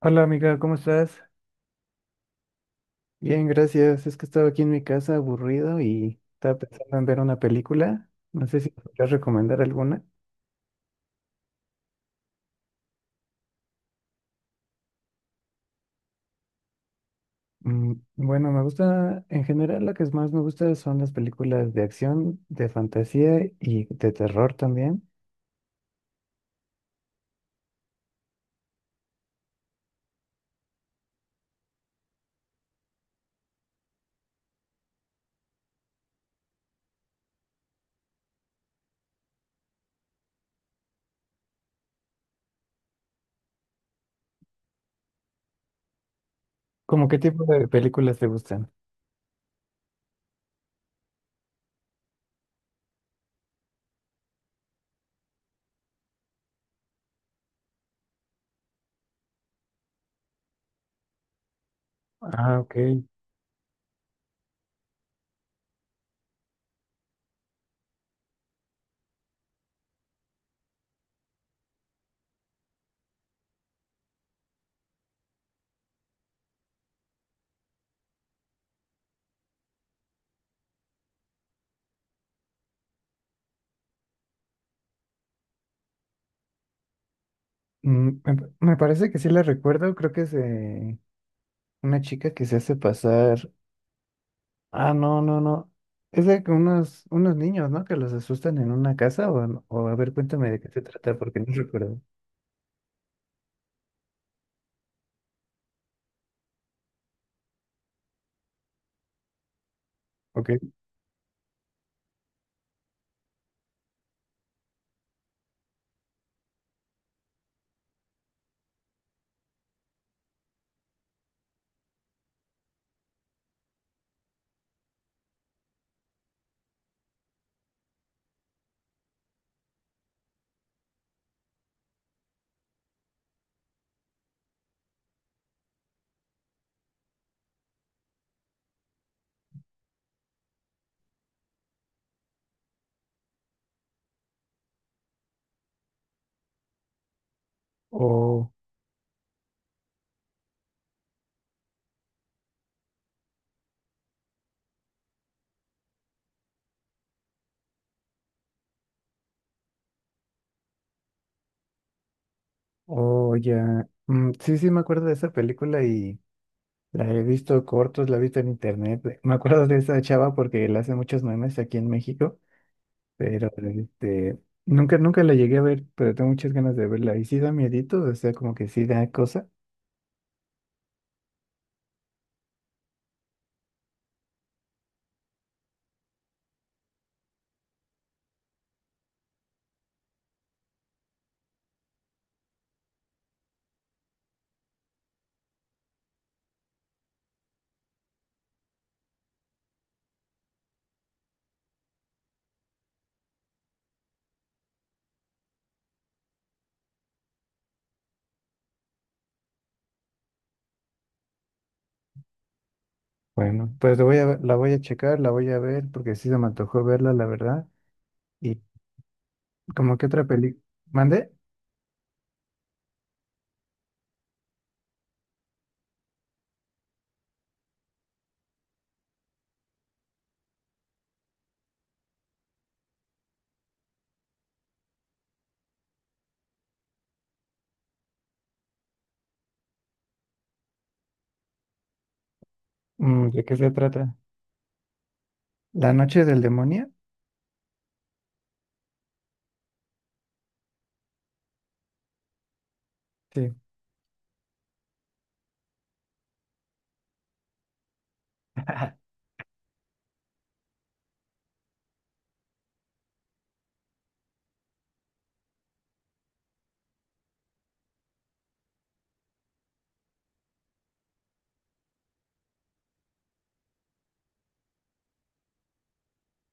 Hola amiga, ¿cómo estás? Bien, gracias. Es que estaba aquí en mi casa aburrido y estaba pensando en ver una película. No sé si podrías recomendar alguna. Bueno, me gusta, en general, la que más me gusta son las películas de acción, de fantasía y de terror también. ¿Cómo qué tipo de películas te gustan? Ah, ok. Mm, me parece que sí la recuerdo. Creo que es de una chica que se hace pasar. Ah, no, no, no. Es de que unos niños, ¿no? Que los asustan en una casa o, no- o a ver, cuéntame de qué se trata porque no recuerdo. Ok. O, o ya. Mm, sí, sí, me acuerdo de esa película y la he visto cortos, la he visto en internet. Me acuerdo de esa chava porque le hace muchos memes aquí en México, pero este, nunca, nunca la llegué a ver, pero tengo muchas ganas de verla. Y sí da miedito, o sea, como que sí da cosa. Bueno, pues la voy a checar, la voy a ver porque sí se me antojó verla, la verdad. ¿Cómo que otra película? ¿Mande? Mm, ¿de qué se trata? ¿La noche del demonio? Sí.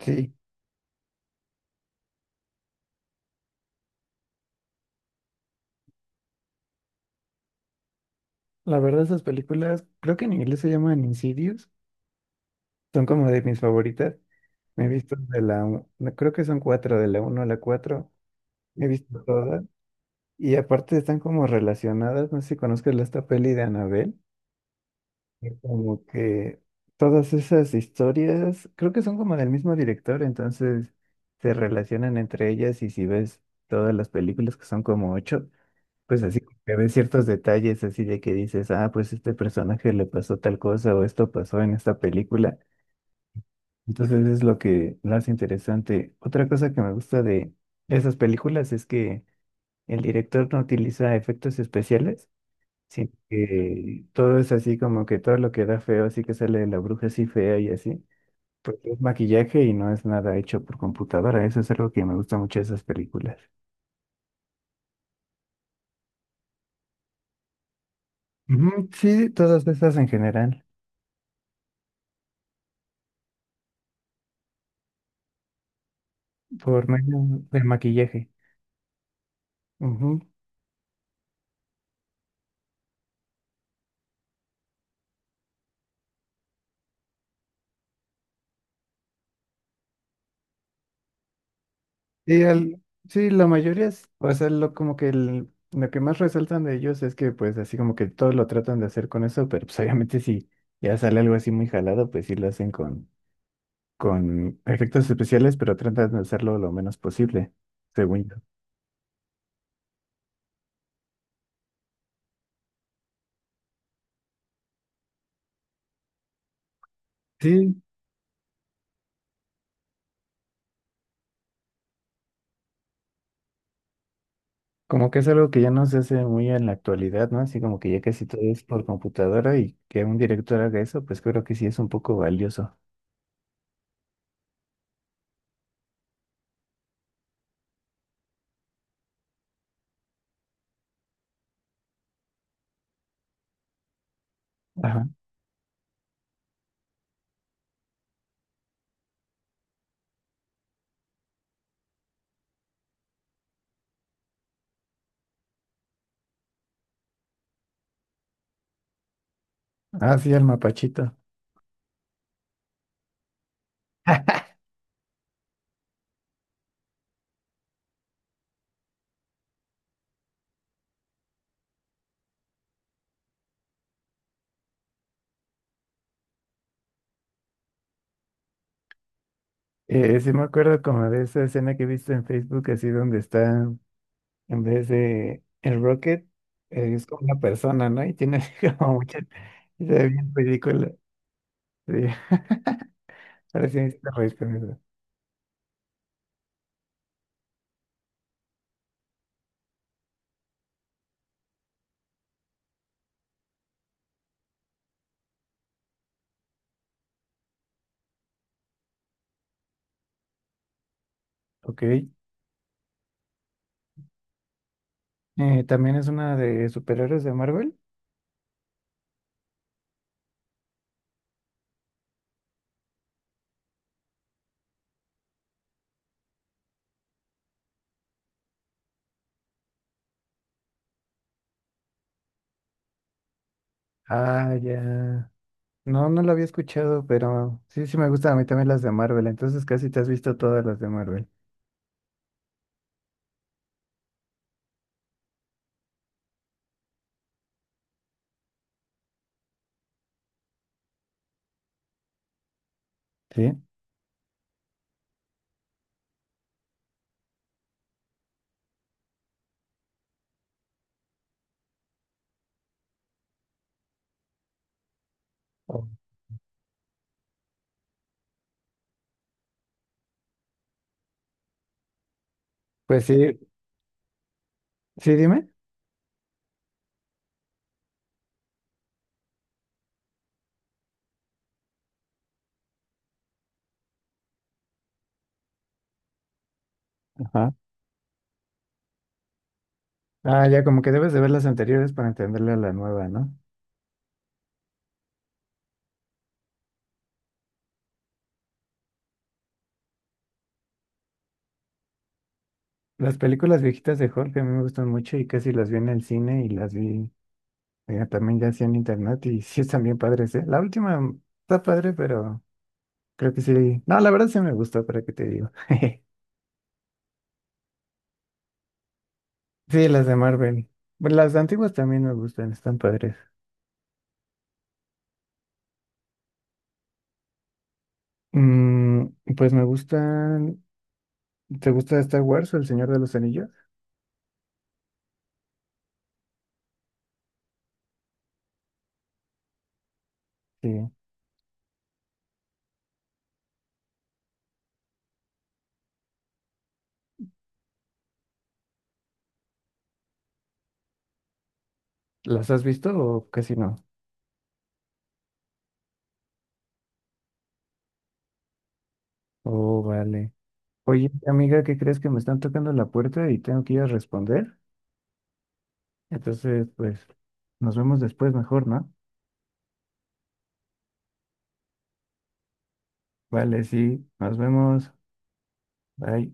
Sí. La verdad, esas películas, creo que en inglés se llaman Insidious. Son como de mis favoritas. Me he visto de la, u- no, creo que son cuatro, de la uno a la cuatro. Me he visto todas. Y aparte están como relacionadas. No sé si conozcas la- esta peli de Annabelle. Que como que todas esas historias, creo que son como del mismo director, entonces se relacionan entre ellas. Y si ves todas las películas, que son como ocho, pues así como que ves ciertos detalles así de que dices, ah, pues este personaje le pasó tal cosa o esto pasó en esta película. Entonces es lo que lo hace interesante. Otra cosa que me gusta de esas películas es que el director no utiliza efectos especiales, sino que todo es así como que todo lo que da feo, así que sale de la bruja así fea y así, pues es maquillaje y no es nada hecho por computadora. Eso es algo que me gusta mucho de esas películas. Ujú, sí, todas esas en general, por medio del maquillaje. Ujú. Y al, sí, la mayoría es, o sea, lo, como que el- lo que más resaltan de ellos es que pues así como que todos lo tratan de hacer con eso, pero pues obviamente si ya sale algo así muy jalado, pues sí lo hacen con efectos especiales, pero tratan de hacerlo lo menos posible, según yo. Sí, como que es algo que ya no se hace muy en la actualidad, ¿no? Así como que ya casi todo es por computadora y que un director haga eso, pues creo que sí es un poco valioso. Ajá. Ah, sí, al mapachito. Sí me acuerdo como de esa escena que he visto en Facebook, así donde está, en vez de el Rocket, es como una persona, ¿no? Y tiene así como muchas, y se ve bien ridícula. Sí, ahora sí me hiciste reír con eso. Ok. ¿También es una de superhéroes de Marvel? Ah, ya. No, no la había escuchado, pero sí, sí me gustan a mí también las de Marvel, entonces casi te has visto todas las de Marvel, ¿sí? Oh. Pues sí, sí, dime. Ajá. Ah, ya, como que debes de ver las anteriores para entenderle a la nueva, ¿no? Las películas viejitas de Jorge a mí me gustan mucho y casi las vi en el cine y las vi también ya sí en internet y sí están bien padres, ¿eh? La última está padre, pero creo que sí. No, la verdad sí me gustó, para qué te digo. Sí, las de Marvel. Bueno, las antiguas también me gustan, están padres. Mm, pues me gustan. ¿Te gusta Star Wars o El Señor de los Anillos? Sí. ¿Las has visto o casi no? Oh, vale. Oye, amiga, ¿qué crees que me están tocando la puerta y tengo que ir a responder? Entonces, pues, nos vemos después mejor, ¿no? Vale, sí, nos vemos. Bye.